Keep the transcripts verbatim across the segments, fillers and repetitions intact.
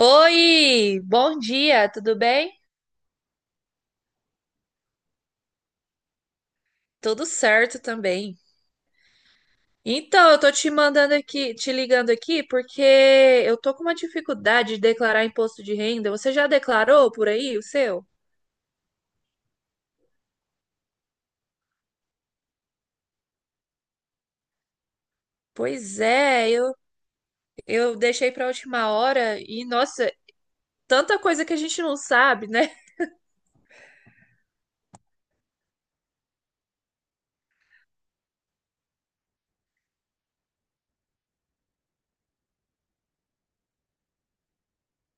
Oi, bom dia, tudo bem? Tudo certo também. Então, eu tô te mandando aqui, te ligando aqui porque eu tô com uma dificuldade de declarar imposto de renda. Você já declarou por aí o seu? Pois é, eu, eu deixei pra última hora e, nossa, tanta coisa que a gente não sabe, né?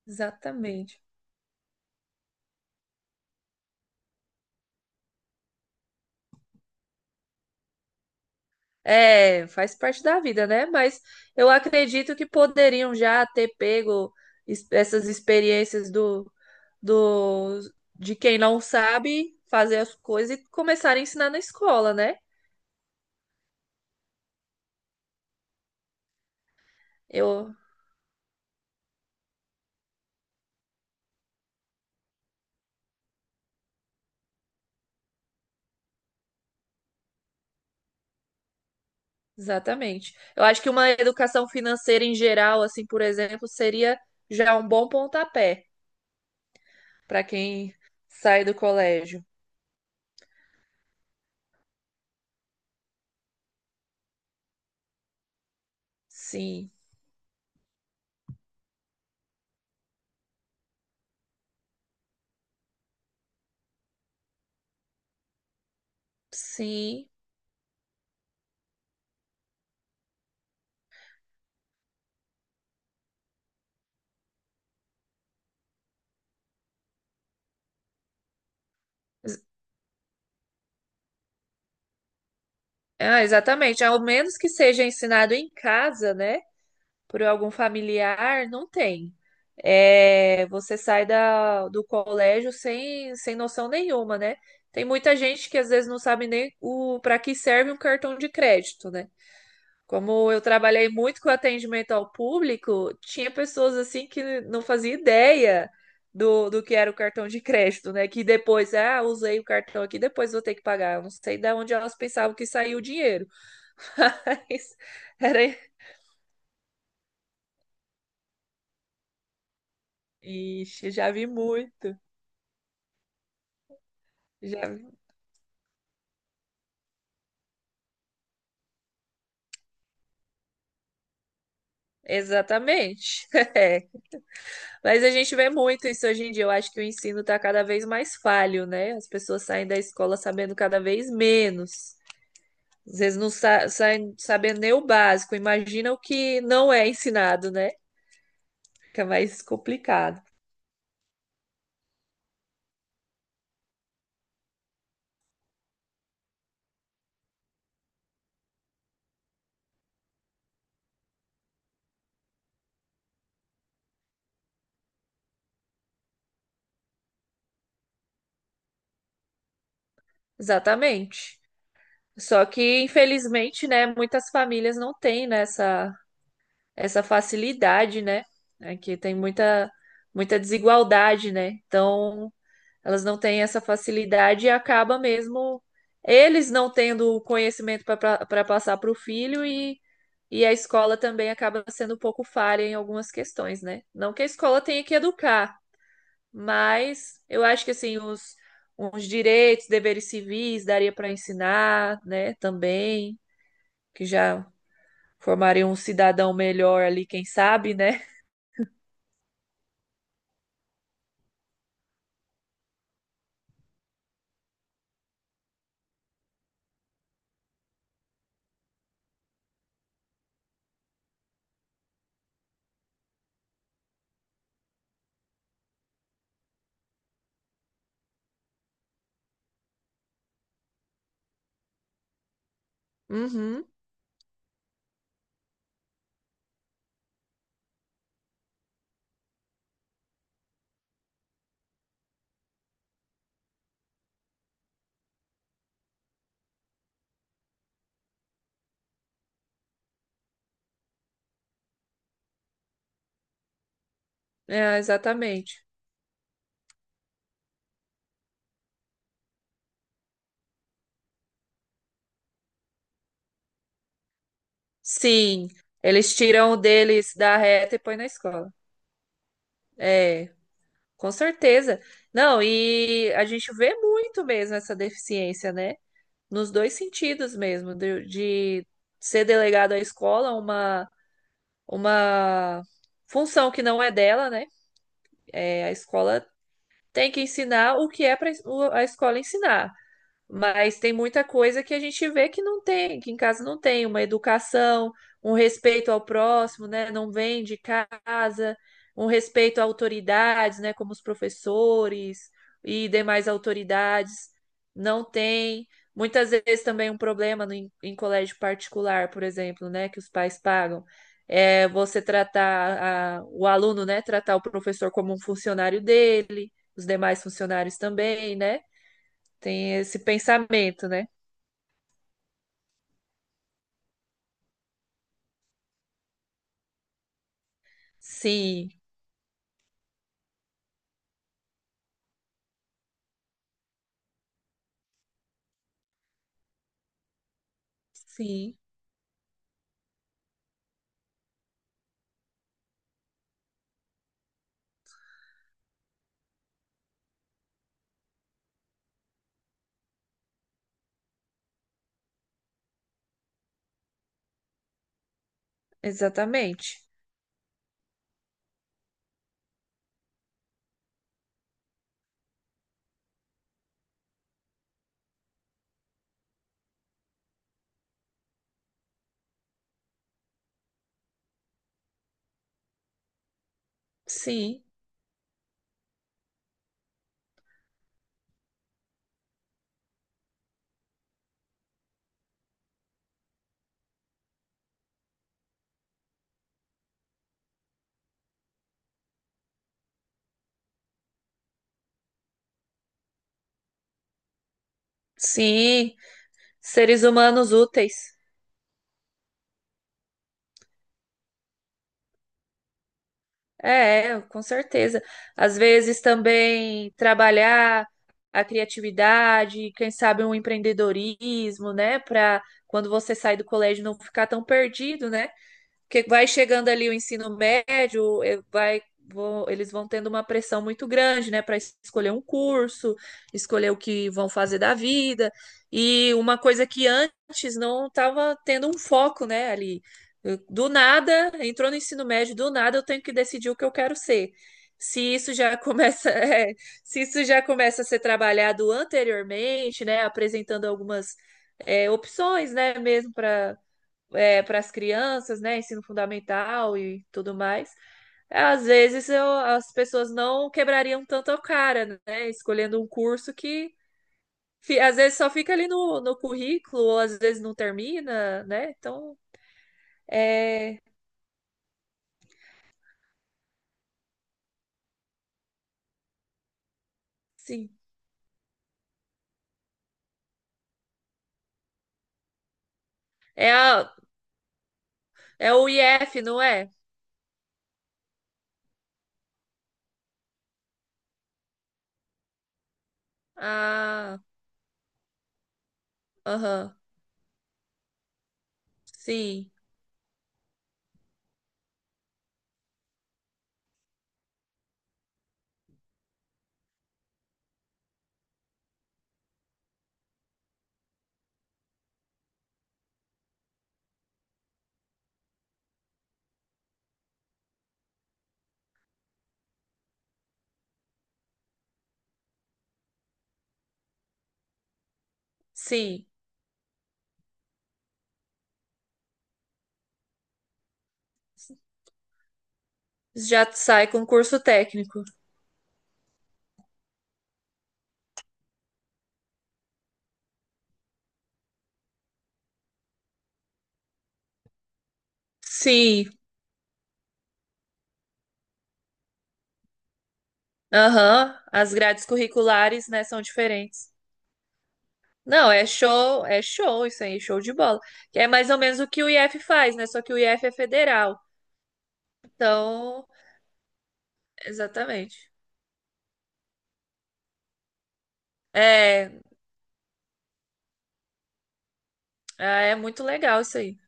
Exatamente. É, faz parte da vida, né? Mas eu acredito que poderiam já ter pego es- essas experiências do do de quem não sabe fazer as coisas e começar a ensinar na escola, né? Eu, exatamente. Eu acho que uma educação financeira em geral, assim, por exemplo, seria já um bom pontapé para quem sai do colégio. Sim, sim. Ah, exatamente. Ao menos que seja ensinado em casa, né? Por algum familiar, não tem. É, você sai da, do colégio sem, sem noção nenhuma, né? Tem muita gente que às vezes não sabe nem o para que serve um cartão de crédito, né? Como eu trabalhei muito com atendimento ao público, tinha pessoas assim que não fazia ideia do, do que era o cartão de crédito, né? Que depois, ah, usei o cartão aqui, depois vou ter que pagar. Eu não sei de onde elas pensavam que saiu o dinheiro. Mas era. Ixi, já vi muito. Já, exatamente. É. Mas a gente vê muito isso hoje em dia. Eu acho que o ensino está cada vez mais falho, né? As pessoas saem da escola sabendo cada vez menos. Às vezes não sa saem sabendo nem o básico. Imagina o que não é ensinado, né? Fica mais complicado. Exatamente. Só que, infelizmente, né, muitas famílias não têm, né, essa, essa facilidade, né? Aqui tem muita, muita desigualdade, né? Então, elas não têm essa facilidade e acaba mesmo eles não tendo o conhecimento para passar para o filho e, e a escola também acaba sendo um pouco falha em algumas questões, né? Não que a escola tenha que educar, mas eu acho que assim os, os direitos, deveres civis daria para ensinar, né? Também que já formaria um cidadão melhor ali, quem sabe, né? Uhum, é, exatamente. Sim, eles tiram o deles da reta e põe na escola. É, com certeza. Não, e a gente vê muito mesmo essa deficiência, né? Nos dois sentidos mesmo, de, de ser delegado à escola uma, uma função que não é dela, né? É, a escola tem que ensinar o que é para a escola ensinar. Mas tem muita coisa que a gente vê que não tem, que em casa não tem, uma educação, um respeito ao próximo, né? Não vem de casa, um respeito a autoridades, né? Como os professores e demais autoridades, não tem. Muitas vezes também um problema no, em, em colégio particular, por exemplo, né? Que os pais pagam. É você tratar a- o aluno, né? Tratar o professor como um funcionário dele, os demais funcionários também, né? Tem esse pensamento, né? Sim, sim, exatamente. Sim, sim. Seres humanos úteis. É, com certeza. Às vezes também trabalhar a criatividade, quem sabe um empreendedorismo, né? Para quando você sai do colégio não ficar tão perdido, né? Porque vai chegando ali o ensino médio, eh, vai, vão- eles vão tendo uma pressão muito grande, né, para escolher um curso, escolher o que vão fazer da vida. E uma coisa que antes não estava tendo um foco, né, ali. Do nada, entrou no ensino médio, do nada eu tenho que decidir o que eu quero ser. Se isso já começa, é, se isso já começa a ser trabalhado anteriormente, né, apresentando algumas, é, opções, né, mesmo para para as crianças, né? Ensino fundamental e tudo mais. Às vezes eu- as pessoas não quebrariam tanto a cara, né? Escolhendo um curso que fi- às vezes só fica ali no, no currículo, ou às vezes não termina, né? Então, é. Sim. É, a, é o I F, não é? Ah, aham. Sim, sim. Já sai com curso técnico. Sim, aham. As grades curriculares, né, são diferentes. Não, é show, é show isso aí, show de bola. Que é mais ou menos o que o I F faz, né? Só que o I F é federal. Então, exatamente. É, é muito legal isso aí.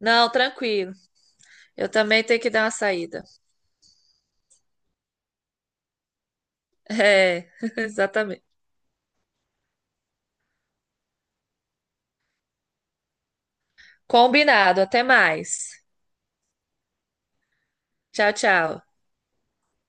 Não, tranquilo. Eu também tenho que dar uma saída. É, exatamente. Combinado. Até mais. Tchau, tchau.